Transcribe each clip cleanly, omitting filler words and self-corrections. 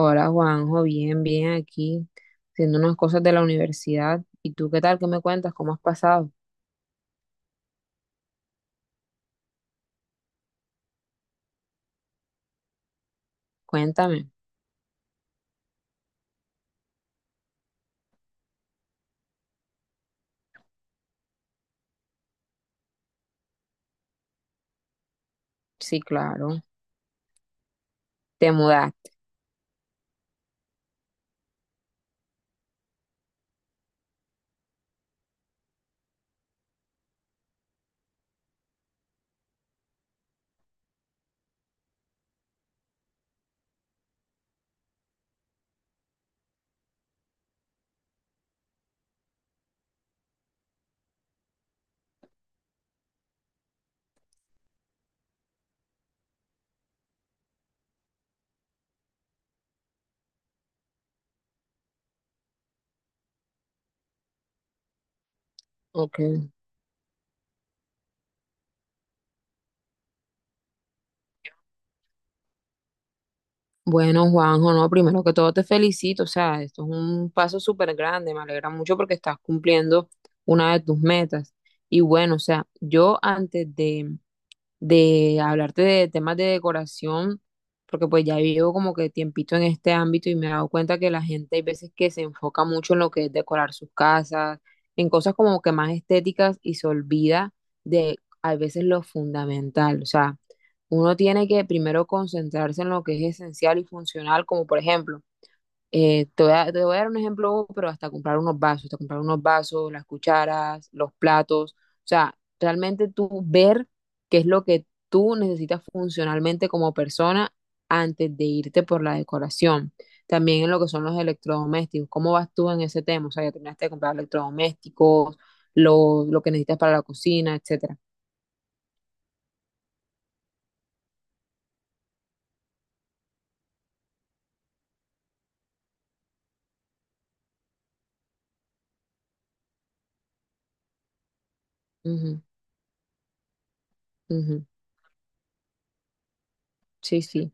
Hola Juanjo, bien, bien aquí, haciendo unas cosas de la universidad. ¿Y tú qué tal? ¿Qué me cuentas? ¿Cómo has pasado? Cuéntame. Sí, claro. Te mudaste. Ok. Bueno, Juanjo, no, primero que todo te felicito. O sea, esto es un paso súper grande. Me alegra mucho porque estás cumpliendo una de tus metas. Y bueno, o sea, yo antes de hablarte de temas de decoración, porque pues ya vivo como que tiempito en este ámbito y me he dado cuenta que la gente hay veces que se enfoca mucho en lo que es decorar sus casas, en cosas como que más estéticas y se olvida de a veces lo fundamental. O sea, uno tiene que primero concentrarse en lo que es esencial y funcional, como por ejemplo, te voy a dar un ejemplo, pero hasta comprar unos vasos, hasta comprar unos vasos, las cucharas, los platos. O sea, realmente tú ver qué es lo que tú necesitas funcionalmente como persona antes de irte por la decoración. También en lo que son los electrodomésticos. ¿Cómo vas tú en ese tema? O sea, ya terminaste de comprar electrodomésticos, lo que necesitas para la cocina, etcétera. Ujú, ujú. Sí, sí.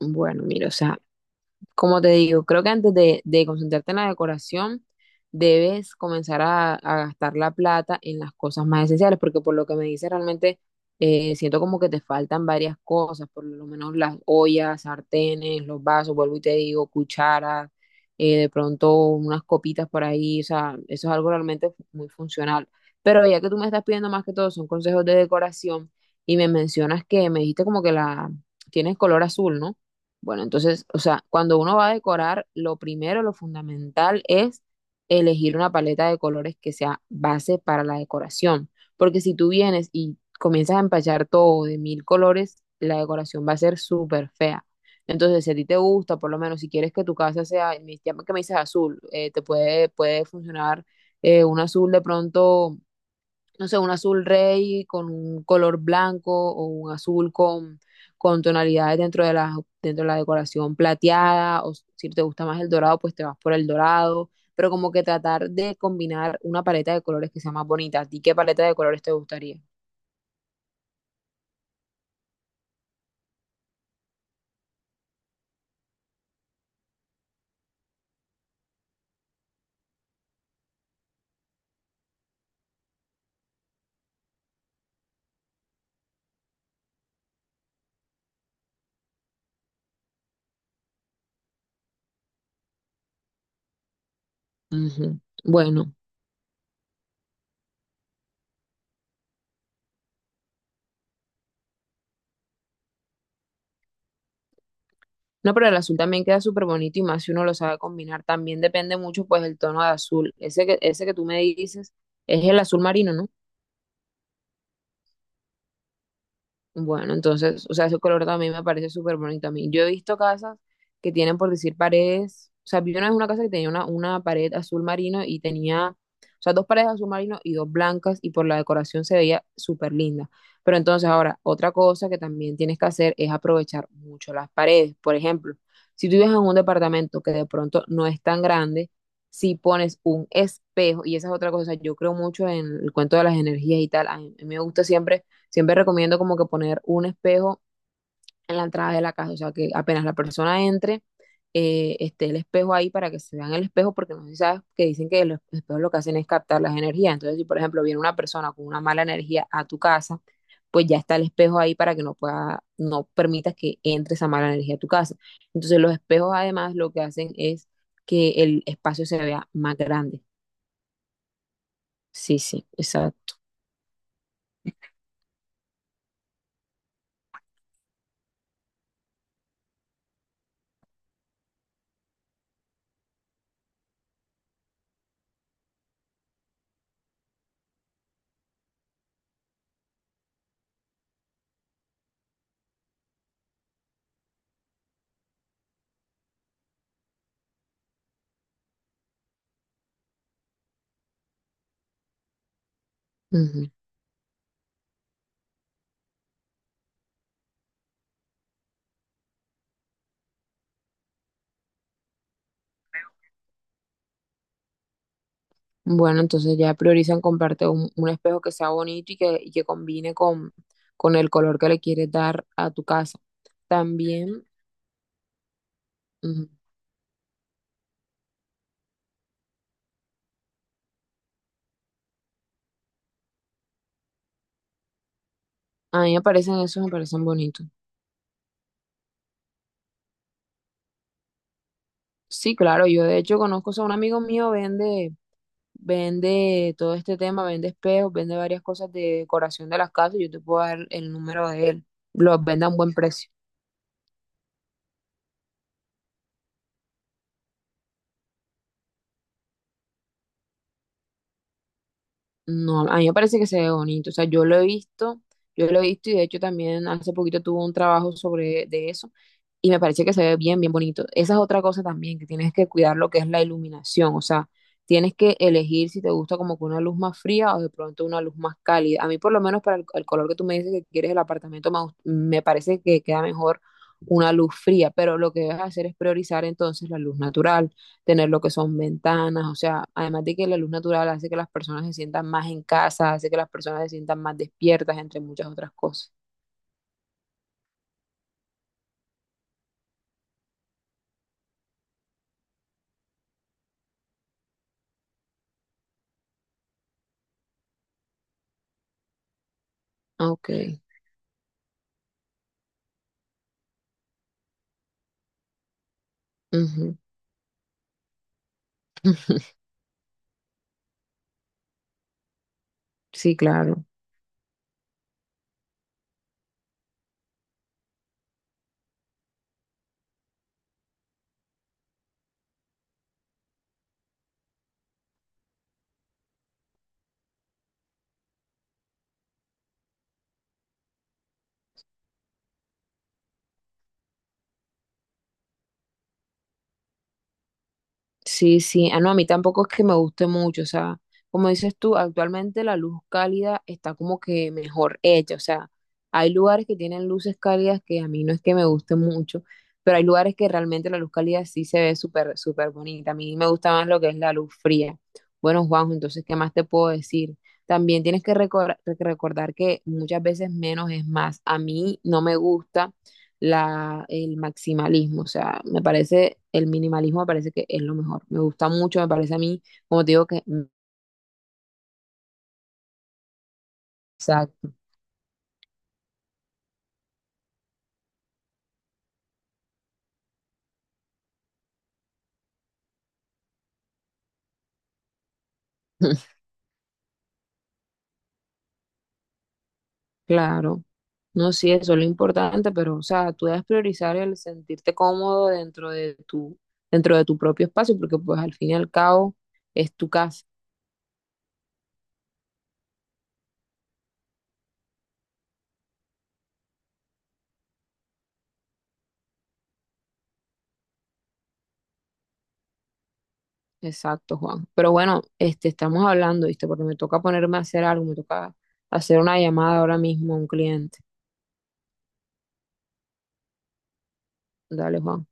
Bueno, mira, o sea. Como te digo, creo que antes de concentrarte en la decoración, debes comenzar a gastar la plata en las cosas más esenciales, porque por lo que me dices, realmente siento como que te faltan varias cosas, por lo menos las ollas, sartenes, los vasos, vuelvo y te digo, cucharas, de pronto unas copitas por ahí, o sea, eso es algo realmente muy funcional. Pero ya que tú me estás pidiendo más que todo, son consejos de decoración y me mencionas que me dijiste como que la tienes color azul, ¿no? Bueno, entonces, o sea, cuando uno va a decorar, lo primero, lo fundamental es elegir una paleta de colores que sea base para la decoración, porque si tú vienes y comienzas a empachar todo de mil colores, la decoración va a ser súper fea. Entonces, si a ti te gusta, por lo menos si quieres que tu casa sea, ya que me dices azul, puede funcionar un azul de pronto no sé, un azul rey con un color blanco o un azul con tonalidades dentro de la decoración plateada, o si te gusta más el dorado, pues te vas por el dorado, pero como que tratar de combinar una paleta de colores que sea más bonita. ¿A ti qué paleta de colores te gustaría? Ujú. Bueno, no, pero el azul también queda súper bonito y más si uno lo sabe combinar. También depende mucho, pues, el tono de azul. Ese que tú me dices es el azul marino, ¿no? Bueno, entonces, o sea, ese color también me parece súper bonito a mí. Yo he visto casas que tienen, por decir, paredes. O sea, vi una vez una casa que tenía una pared azul marino y tenía, o sea, dos paredes azul marino y dos blancas y por la decoración se veía súper linda. Pero entonces ahora, otra cosa que también tienes que hacer es aprovechar mucho las paredes. Por ejemplo, si tú vives en un departamento que de pronto no es tan grande, si pones un espejo, y esa es otra cosa, yo creo mucho en el cuento de las energías y tal, a mí me gusta siempre recomiendo como que poner un espejo en la entrada de la casa, o sea, que apenas la persona entre, esté el espejo ahí para que se vean el espejo, porque no sé si sabes que dicen que los espejos lo que hacen es captar las energías. Entonces, si por ejemplo viene una persona con una mala energía a tu casa, pues ya está el espejo ahí para que no pueda, no permitas que entre esa mala energía a tu casa. Entonces, los espejos además lo que hacen es que el espacio se vea más grande. Sí, sí, exacto. Bueno, entonces ya priorizan comprarte un espejo que sea bonito y que combine con el color que le quieres dar a tu casa. También, ujú, a mí me parecen esos, me parecen bonitos. Sí, claro, yo de hecho conozco, o sea, un amigo mío vende, vende todo este tema, vende espejos, vende varias cosas de decoración de las casas, yo te puedo dar el número de él, los vende a un buen precio. No, a mí me parece que se ve bonito. O sea, yo lo he visto, yo lo he visto y de hecho también hace poquito tuve un trabajo sobre de eso y me parece que se ve bien, bien bonito. Esa es otra cosa también, que tienes que cuidar lo que es la iluminación. O sea, tienes que elegir si te gusta como que una luz más fría o de pronto una luz más cálida. A mí por lo menos para el color que tú me dices que quieres el apartamento, me parece que queda mejor una luz fría, pero lo que debes hacer es priorizar entonces la luz natural tener lo que son ventanas, o sea, además de que la luz natural hace que las personas se sientan más en casa, hace que las personas se sientan más despiertas, entre muchas otras cosas. Ah, ok. Ujú. Sí, claro. Sí, sí, ah, no, a mí tampoco es que me guste mucho, o sea, como dices tú, actualmente la luz cálida está como que mejor hecha, o sea, hay lugares que tienen luces cálidas que a mí no es que me guste mucho, pero hay lugares que realmente la luz cálida sí se ve súper, súper bonita, a mí me gusta más lo que es la luz fría. Bueno, Juanjo, entonces, ¿qué más te puedo decir? También tienes que recordar que muchas veces menos es más. A mí no me gusta el maximalismo, o sea, me parece, el minimalismo me parece que es lo mejor, me gusta mucho, me parece a mí, como te digo, exacto, claro, no, sí, eso es lo importante, pero, o sea, tú debes priorizar el sentirte cómodo dentro de tu propio espacio, porque pues al fin y al cabo es tu casa, exacto, Juan, pero bueno, este, estamos hablando, ¿viste? Porque me toca ponerme a hacer algo, me toca hacer una llamada ahora mismo a un cliente, dale, Juan.